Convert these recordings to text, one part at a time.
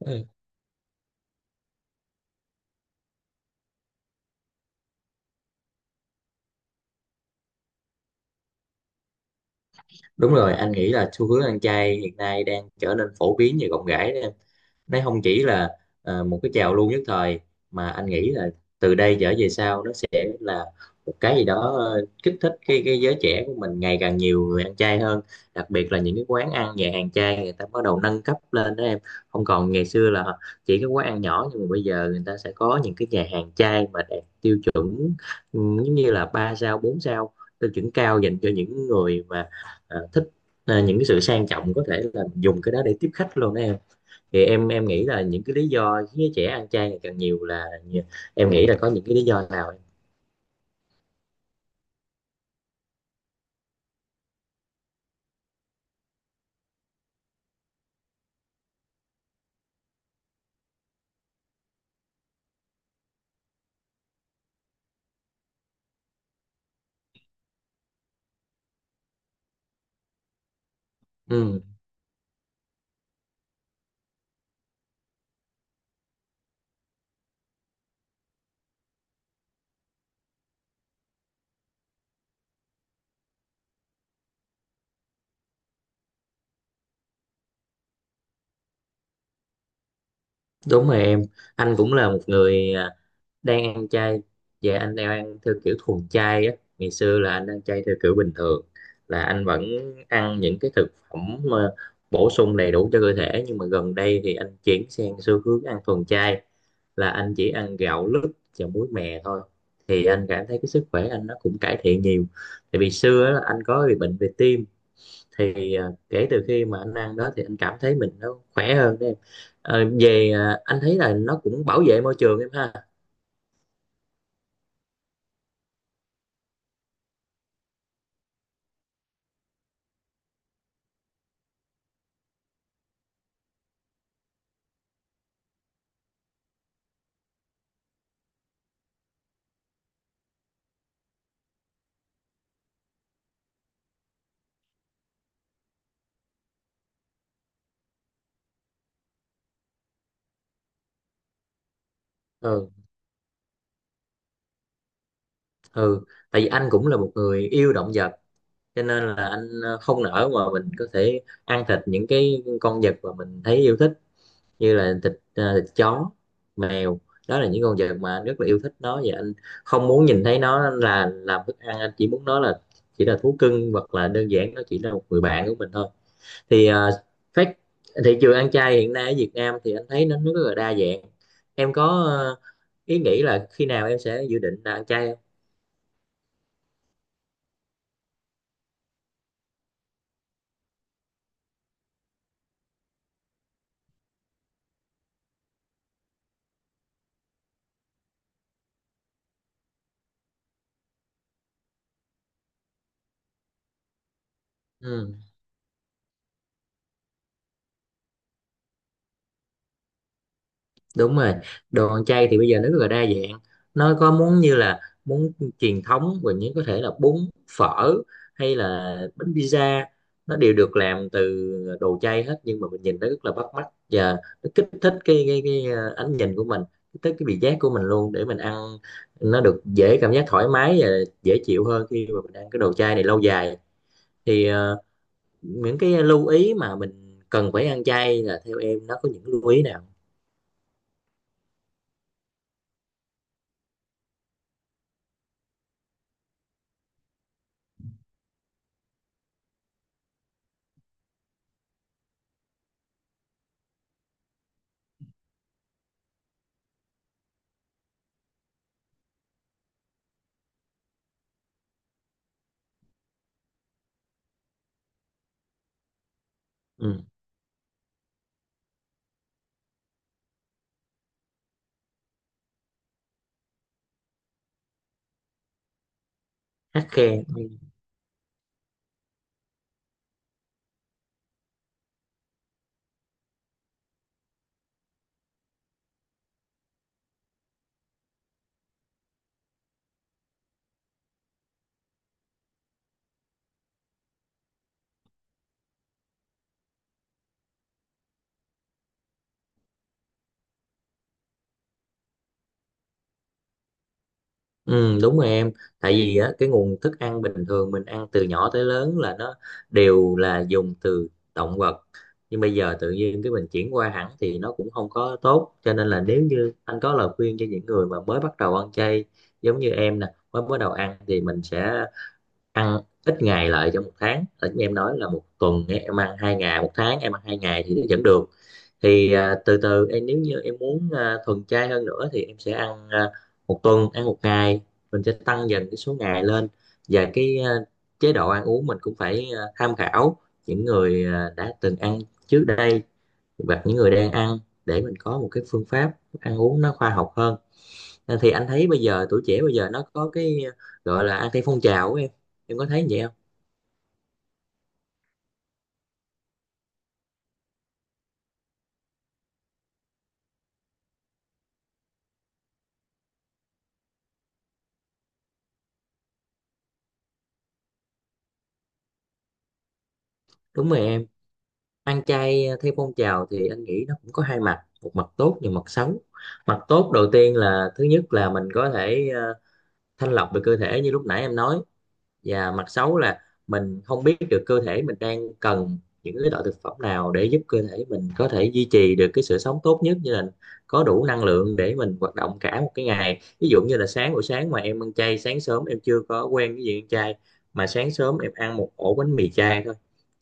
Ừ. Đúng rồi, anh nghĩ là xu hướng ăn chay hiện nay đang trở nên phổ biến như gọng ghẽ đó em. Nó không chỉ là một cái trào lưu nhất thời, mà anh nghĩ là từ đây trở về sau nó sẽ là một cái gì đó kích thích cái giới trẻ của mình ngày càng nhiều người ăn chay hơn, đặc biệt là những cái quán ăn, nhà hàng chay người ta bắt đầu nâng cấp lên đó em. Không còn ngày xưa là chỉ cái quán ăn nhỏ, nhưng mà bây giờ người ta sẽ có những cái nhà hàng chay mà đạt tiêu chuẩn, ừ, giống như là 3 sao, 4 sao, tiêu chuẩn cao dành cho những người mà thích những cái sự sang trọng, có thể là dùng cái đó để tiếp khách luôn đó em. Thì em nghĩ là những cái lý do khiến trẻ ăn chay ngày càng nhiều là, em nghĩ là có những cái lý do nào em? Ừ, đúng rồi em. Anh cũng là một người đang ăn chay. Dạ anh đang ăn theo kiểu thuần chay á, ngày xưa là anh ăn chay theo kiểu bình thường, là anh vẫn ăn những cái thực phẩm mà bổ sung đầy đủ cho cơ thể, nhưng mà gần đây thì anh chuyển sang xu hướng ăn thuần chay, là anh chỉ ăn gạo lứt và muối mè thôi. Thì anh cảm thấy cái sức khỏe anh nó cũng cải thiện nhiều, tại vì xưa á, là anh có bị bệnh về tim. Thì kể từ khi mà anh ăn đó thì anh cảm thấy mình nó khỏe hơn đấy em. Ờ, về anh thấy là nó cũng bảo vệ môi trường em ha. Ừ. Ừ, tại vì anh cũng là một người yêu động vật, cho nên là anh không nỡ mà mình có thể ăn thịt những cái con vật mà mình thấy yêu thích, như là thịt, thịt chó, mèo. Đó là những con vật mà anh rất là yêu thích nó, và anh không muốn nhìn thấy nó là làm thức ăn. Anh chỉ muốn nó là chỉ là thú cưng, hoặc là đơn giản nó chỉ là một người bạn của mình thôi. Thì phát, thị trường ăn chay hiện nay ở Việt Nam thì anh thấy nó rất là đa dạng. Em có ý nghĩ là khi nào em sẽ dự định là ăn chay không? Ừ, đúng rồi. Đồ ăn chay thì bây giờ nó rất là đa dạng, nó có muốn như là muốn truyền thống, và những có thể là bún, phở, hay là bánh pizza, nó đều được làm từ đồ chay hết, nhưng mà mình nhìn nó rất là bắt mắt, và nó kích thích cái ánh nhìn của mình, kích thích cái vị giác của mình luôn để mình ăn nó được, dễ cảm giác thoải mái và dễ chịu hơn khi mà mình ăn cái đồ chay này lâu dài. Thì những cái lưu ý mà mình cần phải ăn chay là, theo em nó có những lưu ý nào? Ừ, khắt khe. Ừ, đúng rồi em. Tại vì á, cái nguồn thức ăn bình thường mình ăn từ nhỏ tới lớn là nó đều là dùng từ động vật, nhưng bây giờ tự nhiên cái mình chuyển qua hẳn thì nó cũng không có tốt. Cho nên là nếu như anh có lời khuyên cho những người mà mới bắt đầu ăn chay, giống như em nè mới bắt đầu ăn, thì mình sẽ ăn ít ngày lại trong một tháng, ở như em nói là một tuần em ăn hai ngày, một tháng em ăn hai ngày thì nó vẫn được. Thì từ từ em, nếu như em muốn thuần chay hơn nữa thì em sẽ ăn một tuần ăn một ngày, mình sẽ tăng dần cái số ngày lên. Và cái chế độ ăn uống mình cũng phải tham khảo những người đã từng ăn trước đây, và những người đang ăn, để mình có một cái phương pháp ăn uống nó khoa học hơn. À, thì anh thấy bây giờ tuổi trẻ bây giờ nó có cái gọi là ăn theo phong trào của em có thấy vậy không? Đúng rồi em. Ăn chay theo phong trào thì anh nghĩ nó cũng có hai mặt, một mặt tốt và mặt xấu. Mặt tốt đầu tiên là, thứ nhất là mình có thể thanh lọc về cơ thể như lúc nãy em nói. Và mặt xấu là mình không biết được cơ thể mình đang cần những cái loại thực phẩm nào để giúp cơ thể mình có thể duy trì được cái sự sống tốt nhất, như là có đủ năng lượng để mình hoạt động cả một cái ngày. Ví dụ như là sáng, buổi sáng mà em ăn chay, sáng sớm em chưa có quen cái gì ăn chay, mà sáng sớm em ăn một ổ bánh mì chay thôi,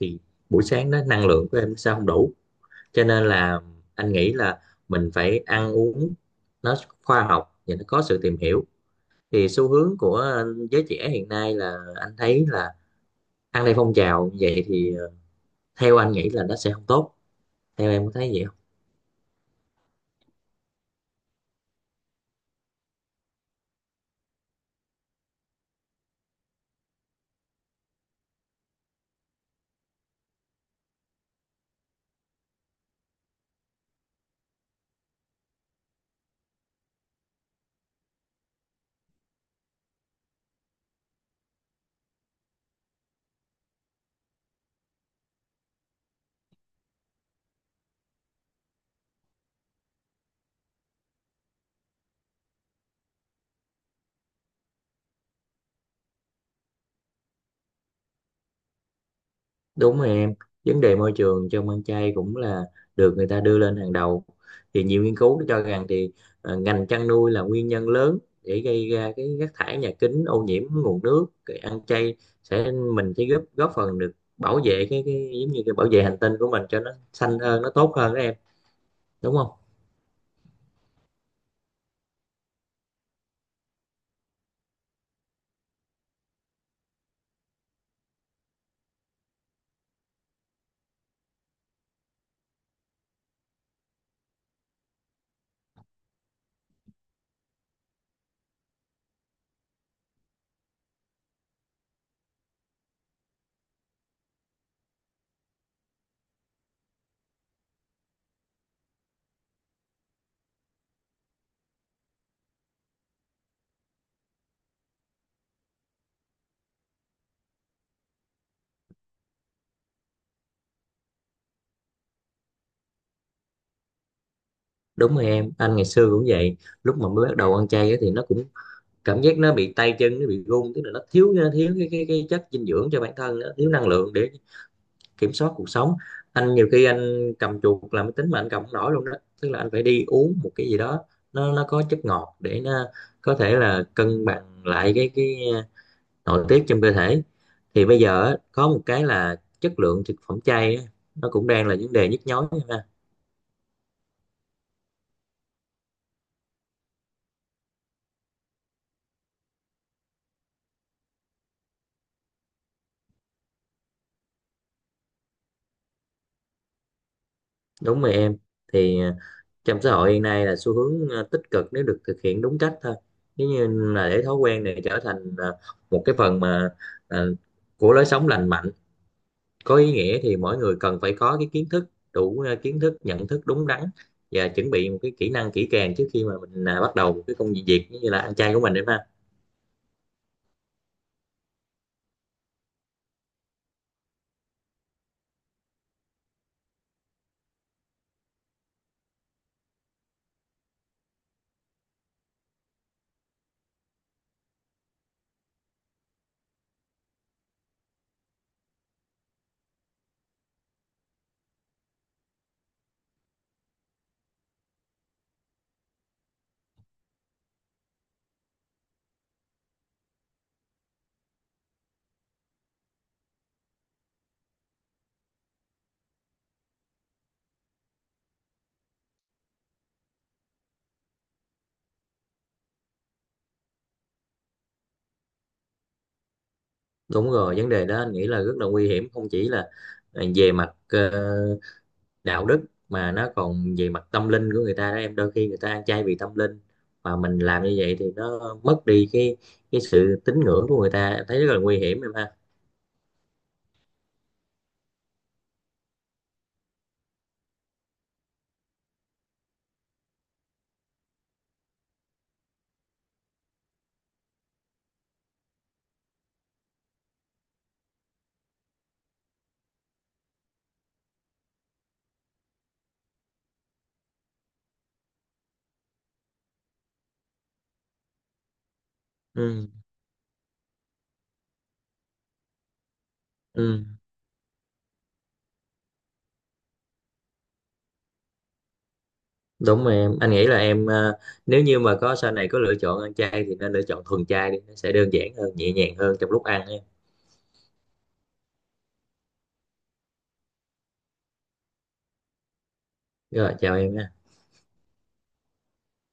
thì buổi sáng đó năng lượng của em sao không đủ. Cho nên là anh nghĩ là mình phải ăn uống nó khoa học và nó có sự tìm hiểu. Thì xu hướng của giới trẻ hiện nay là anh thấy là ăn theo phong trào vậy thì theo anh nghĩ là nó sẽ không tốt, theo em có thấy vậy không? Đúng rồi em. Vấn đề môi trường trong ăn chay cũng là được người ta đưa lên hàng đầu. Thì nhiều nghiên cứu cho rằng thì ngành chăn nuôi là nguyên nhân lớn để gây ra cái rác thải nhà kính, ô nhiễm nguồn nước. Cái ăn chay sẽ, mình sẽ góp góp phần được bảo vệ cái giống như cái bảo vệ hành tinh của mình cho nó xanh hơn, nó tốt hơn đó em, đúng không? Đúng rồi em, anh ngày xưa cũng vậy. Lúc mà mới bắt đầu ăn chay á thì nó cũng cảm giác nó bị tay chân nó bị run, tức là nó thiếu thiếu cái, cái chất dinh dưỡng cho bản thân, nó thiếu năng lượng để kiểm soát cuộc sống. Anh nhiều khi anh cầm chuột làm máy tính mà anh cầm không nổi luôn đó, tức là anh phải đi uống một cái gì đó nó có chất ngọt để nó có thể là cân bằng lại cái nội tiết trong cơ thể. Thì bây giờ á, có một cái là chất lượng thực phẩm chay á, nó cũng đang là vấn đề nhức nhối. Đúng rồi em. Thì trong xã hội hiện nay là xu hướng tích cực nếu được thực hiện đúng cách thôi. Nếu như là để thói quen này trở thành một cái phần mà ờ, của lối sống lành mạnh, có ý nghĩa, thì mỗi người cần phải có cái kiến thức đủ, kiến thức, nhận thức đúng đắn, và chuẩn bị một cái kỹ năng kỹ càng trước khi mà mình bắt đầu một cái công việc như là ăn chay của mình em ha. Đúng rồi, vấn đề đó anh nghĩ là rất là nguy hiểm, không chỉ là về mặt đạo đức mà nó còn về mặt tâm linh của người ta đó em. Đôi khi người ta ăn chay vì tâm linh, mà mình làm như vậy thì nó mất đi cái sự tín ngưỡng của người ta, em thấy rất là nguy hiểm em ha. Ừ. Ừ, đúng rồi em, anh nghĩ là em nếu như mà có sau này có lựa chọn ăn chay thì nên lựa chọn thuần chay đi, nó sẽ đơn giản hơn, nhẹ nhàng hơn trong lúc ăn em. Rồi chào em nha.